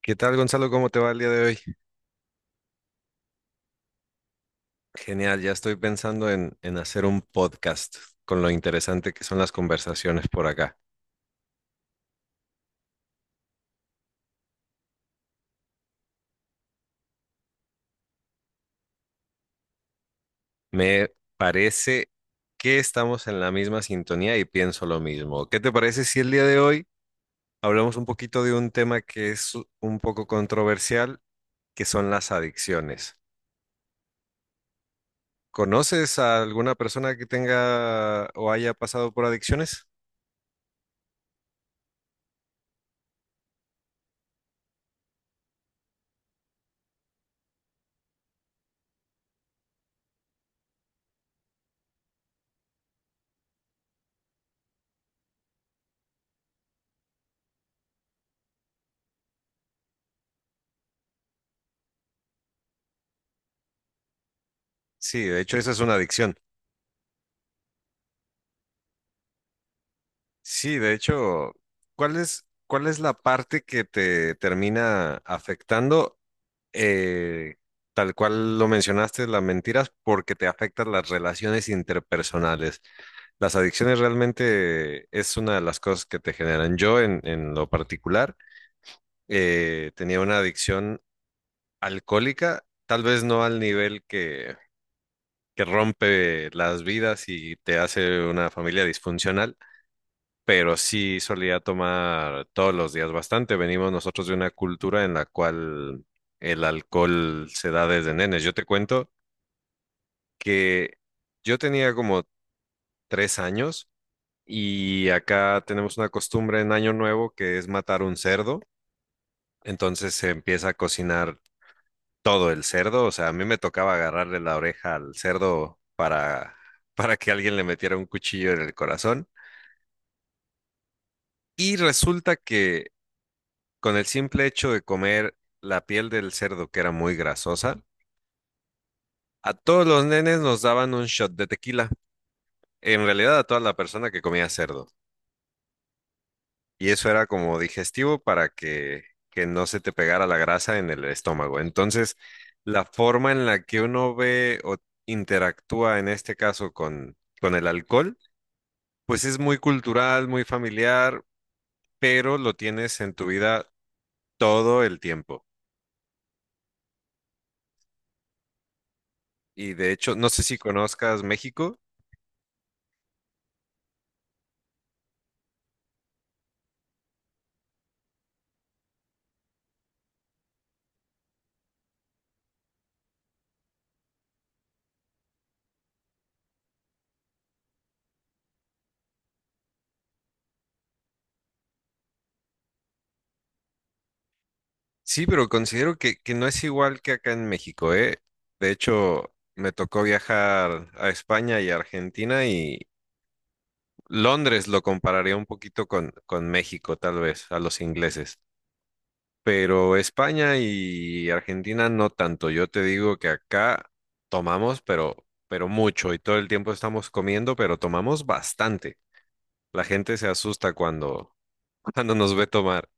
¿Qué tal, Gonzalo? ¿Cómo te va el día de hoy? Genial, ya estoy pensando en hacer un podcast con lo interesante que son las conversaciones por acá. Me parece que estamos en la misma sintonía y pienso lo mismo. ¿Qué te parece si el día de hoy hablamos un poquito de un tema que es un poco controversial, que son las adicciones? ¿Conoces a alguna persona que tenga o haya pasado por adicciones? Sí, de hecho, esa es una adicción. Sí, de hecho, ¿cuál es la parte que te termina afectando? Eh, Tal cual lo mencionaste, las mentiras, porque te afectan las relaciones interpersonales. Las adicciones realmente es una de las cosas que te generan. Yo, en lo particular, tenía una adicción alcohólica, tal vez no al nivel que rompe las vidas y te hace una familia disfuncional, pero sí solía tomar todos los días bastante. Venimos nosotros de una cultura en la cual el alcohol se da desde nenes. Yo te cuento que yo tenía como 3 años y acá tenemos una costumbre en Año Nuevo que es matar un cerdo. Entonces se empieza a cocinar todo el cerdo. O sea, a mí me tocaba agarrarle la oreja al cerdo para que alguien le metiera un cuchillo en el corazón. Y resulta que con el simple hecho de comer la piel del cerdo, que era muy grasosa, a todos los nenes nos daban un shot de tequila. En realidad, a toda la persona que comía cerdo. Y eso era como digestivo para que no se te pegara la grasa en el estómago. Entonces, la forma en la que uno ve o interactúa en este caso con el alcohol, pues es muy cultural, muy familiar, pero lo tienes en tu vida todo el tiempo. Y de hecho, no sé si conozcas México. Sí, pero considero que no es igual que acá en México, ¿eh? De hecho, me tocó viajar a España y a Argentina y Londres lo compararía un poquito con México, tal vez, a los ingleses. Pero España y Argentina no tanto. Yo te digo que acá tomamos, pero mucho y todo el tiempo estamos comiendo, pero tomamos bastante. La gente se asusta cuando, cuando nos ve tomar.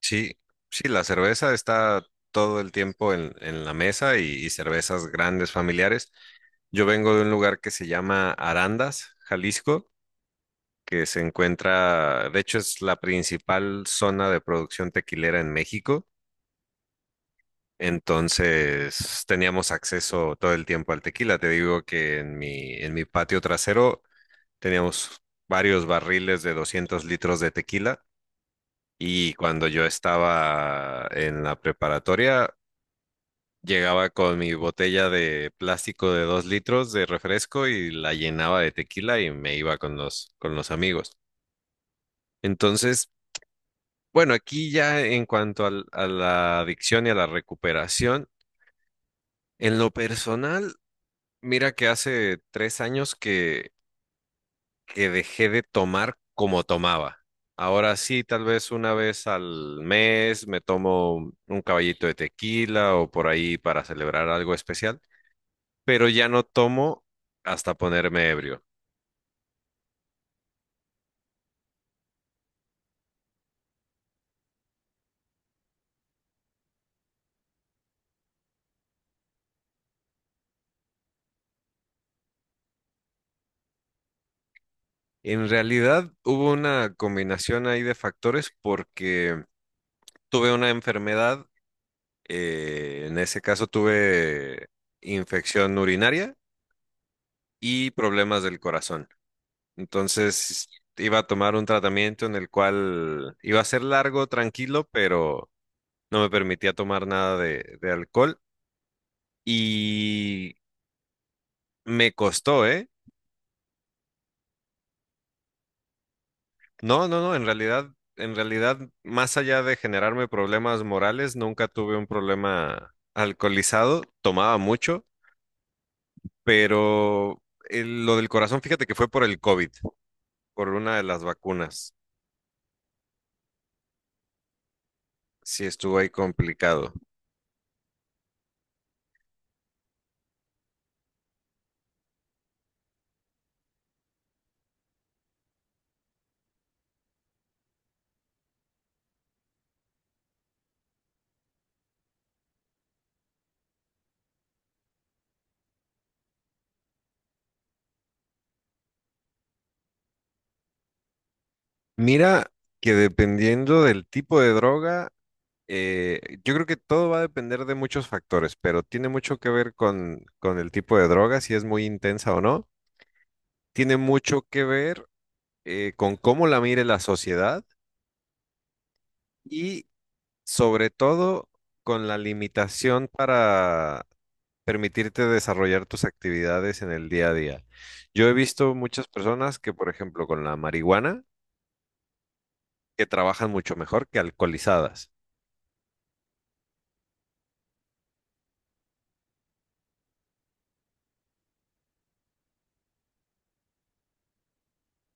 Sí, sí, la cerveza está todo el tiempo en la mesa y cervezas grandes familiares. Yo vengo de un lugar que se llama Arandas, Jalisco, que se encuentra, de hecho es la principal zona de producción tequilera en México. Entonces teníamos acceso todo el tiempo al tequila. Te digo que en mi patio trasero teníamos varios barriles de 200 litros de tequila. Y cuando yo estaba en la preparatoria, llegaba con mi botella de plástico de 2 litros de refresco y la llenaba de tequila y me iba con los amigos. Entonces, bueno, aquí ya en cuanto al- a la adicción y a la recuperación, en lo personal, mira que hace 3 años que dejé de tomar como tomaba. Ahora sí, tal vez una vez al mes me tomo un caballito de tequila o por ahí para celebrar algo especial, pero ya no tomo hasta ponerme ebrio. En realidad hubo una combinación ahí de factores porque tuve una enfermedad, en ese caso tuve infección urinaria y problemas del corazón. Entonces iba a tomar un tratamiento en el cual iba a ser largo, tranquilo, pero no me permitía tomar nada de alcohol y me costó, ¿eh? No, en realidad, más allá de generarme problemas morales, nunca tuve un problema alcoholizado, tomaba mucho, pero el- lo del corazón, fíjate que fue por el COVID, por una de las vacunas, sí estuvo ahí complicado. Mira que dependiendo del tipo de droga, yo creo que todo va a depender de muchos factores, pero tiene mucho que ver con el tipo de droga, si es muy intensa o no, tiene mucho que ver con cómo la mire la sociedad y sobre todo con la limitación para permitirte desarrollar tus actividades en el día a día. Yo he visto muchas personas que, por ejemplo, con la marihuana, que trabajan mucho mejor que alcoholizadas.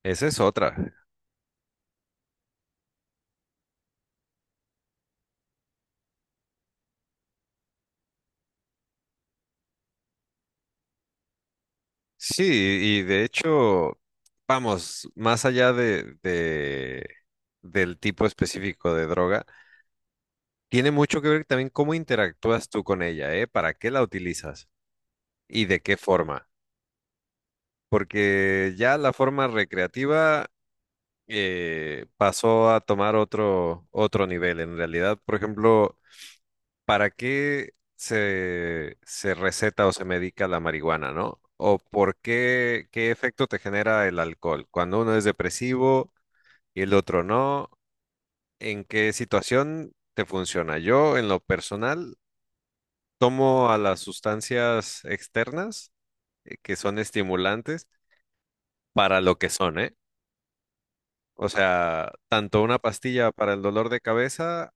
Esa es otra. Sí, y de hecho, vamos, más allá de- del tipo específico de droga, tiene mucho que ver también cómo interactúas tú con ella, ¿eh? ¿Para qué la utilizas? ¿Y de qué forma? Porque ya la forma recreativa pasó a tomar otro nivel. En realidad, por ejemplo, ¿para qué se receta o se medica la marihuana, no? ¿O por qué, qué efecto te genera el alcohol? Cuando uno es depresivo y el otro no, ¿en qué situación te funciona? Yo, en lo personal, tomo a las sustancias externas, que son estimulantes, para lo que son, ¿eh? O sea, tanto una pastilla para el dolor de cabeza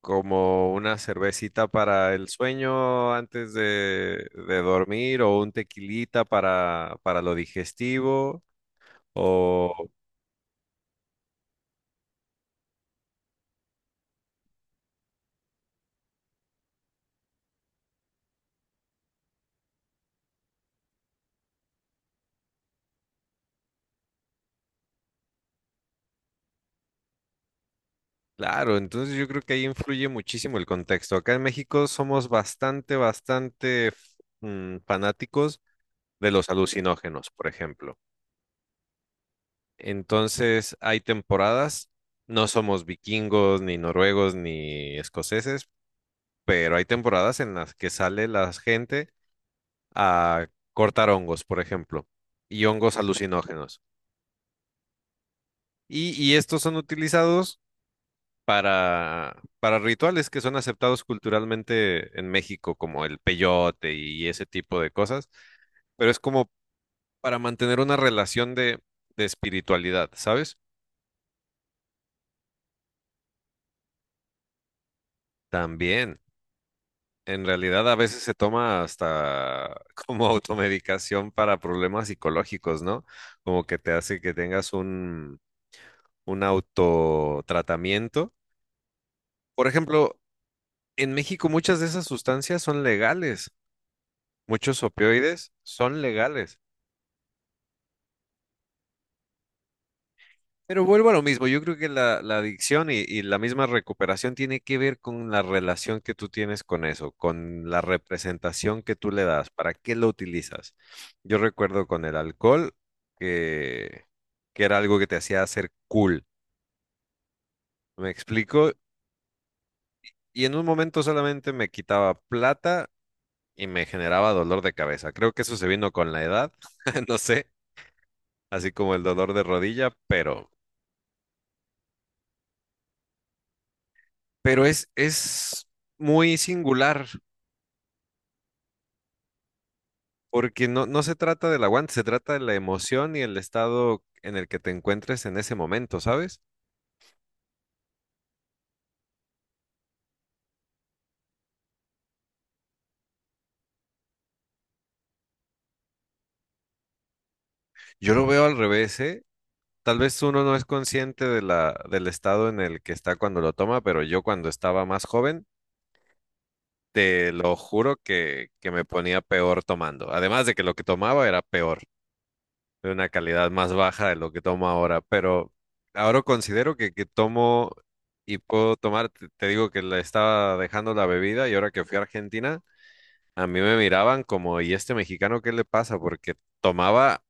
como una cervecita para el sueño antes de dormir o un tequilita para lo digestivo. O, claro, entonces yo creo que ahí influye muchísimo el contexto. Acá en México somos bastante, bastante fanáticos de los alucinógenos, por ejemplo. Entonces, hay temporadas, no somos vikingos, ni noruegos, ni escoceses, pero hay temporadas en las que sale la gente a cortar hongos, por ejemplo, y hongos alucinógenos. Y estos son utilizados para rituales que son aceptados culturalmente en México, como el peyote y ese tipo de cosas, pero es como para mantener una relación de espiritualidad, ¿sabes? También. En realidad a veces se toma hasta como automedicación para problemas psicológicos, ¿no? Como que te hace que tengas un autotratamiento. Por ejemplo, en México muchas de esas sustancias son legales, muchos opioides son legales. Pero vuelvo a lo mismo, yo creo que la adicción y la misma recuperación tiene que ver con la relación que tú tienes con eso, con la representación que tú le das, para qué lo utilizas. Yo recuerdo con el alcohol que, que era algo que te hacía hacer cool, me explico, y en un momento solamente me quitaba plata y me generaba dolor de cabeza. Creo que eso se vino con la edad, no sé, así como el dolor de rodilla, pero es muy singular. Porque no se trata del aguante, se trata de la emoción y el estado en el que te encuentres en ese momento, ¿sabes? Yo lo veo al revés, ¿eh? Tal vez uno no es consciente de del estado en el que está cuando lo toma, pero yo cuando estaba más joven, te lo juro que me ponía peor tomando. Además de que lo que tomaba era peor, de una calidad más baja de lo que tomo ahora, pero ahora considero que tomo y puedo tomar, te digo que le estaba dejando la bebida y ahora que fui a Argentina. A mí me miraban como, ¿y este mexicano qué le pasa? Porque tomaba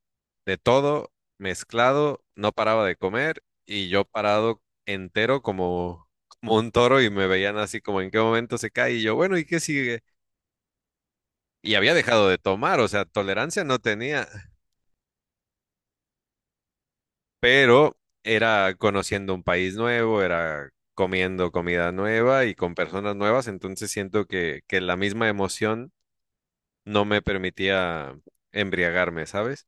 de todo, mezclado, no paraba de comer y yo parado entero como, como un toro y me veían así como en qué momento se cae y yo, bueno, ¿y qué sigue? Y había dejado de tomar, o sea, tolerancia no tenía, pero era conociendo un país nuevo, era comiendo comida nueva y con personas nuevas, entonces siento que la misma emoción no me permitía embriagarme, ¿sabes?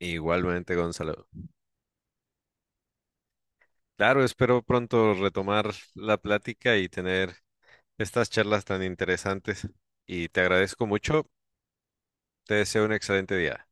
Igualmente, Gonzalo. Claro, espero pronto retomar la plática y tener estas charlas tan interesantes. Y te agradezco mucho. Te deseo un excelente día.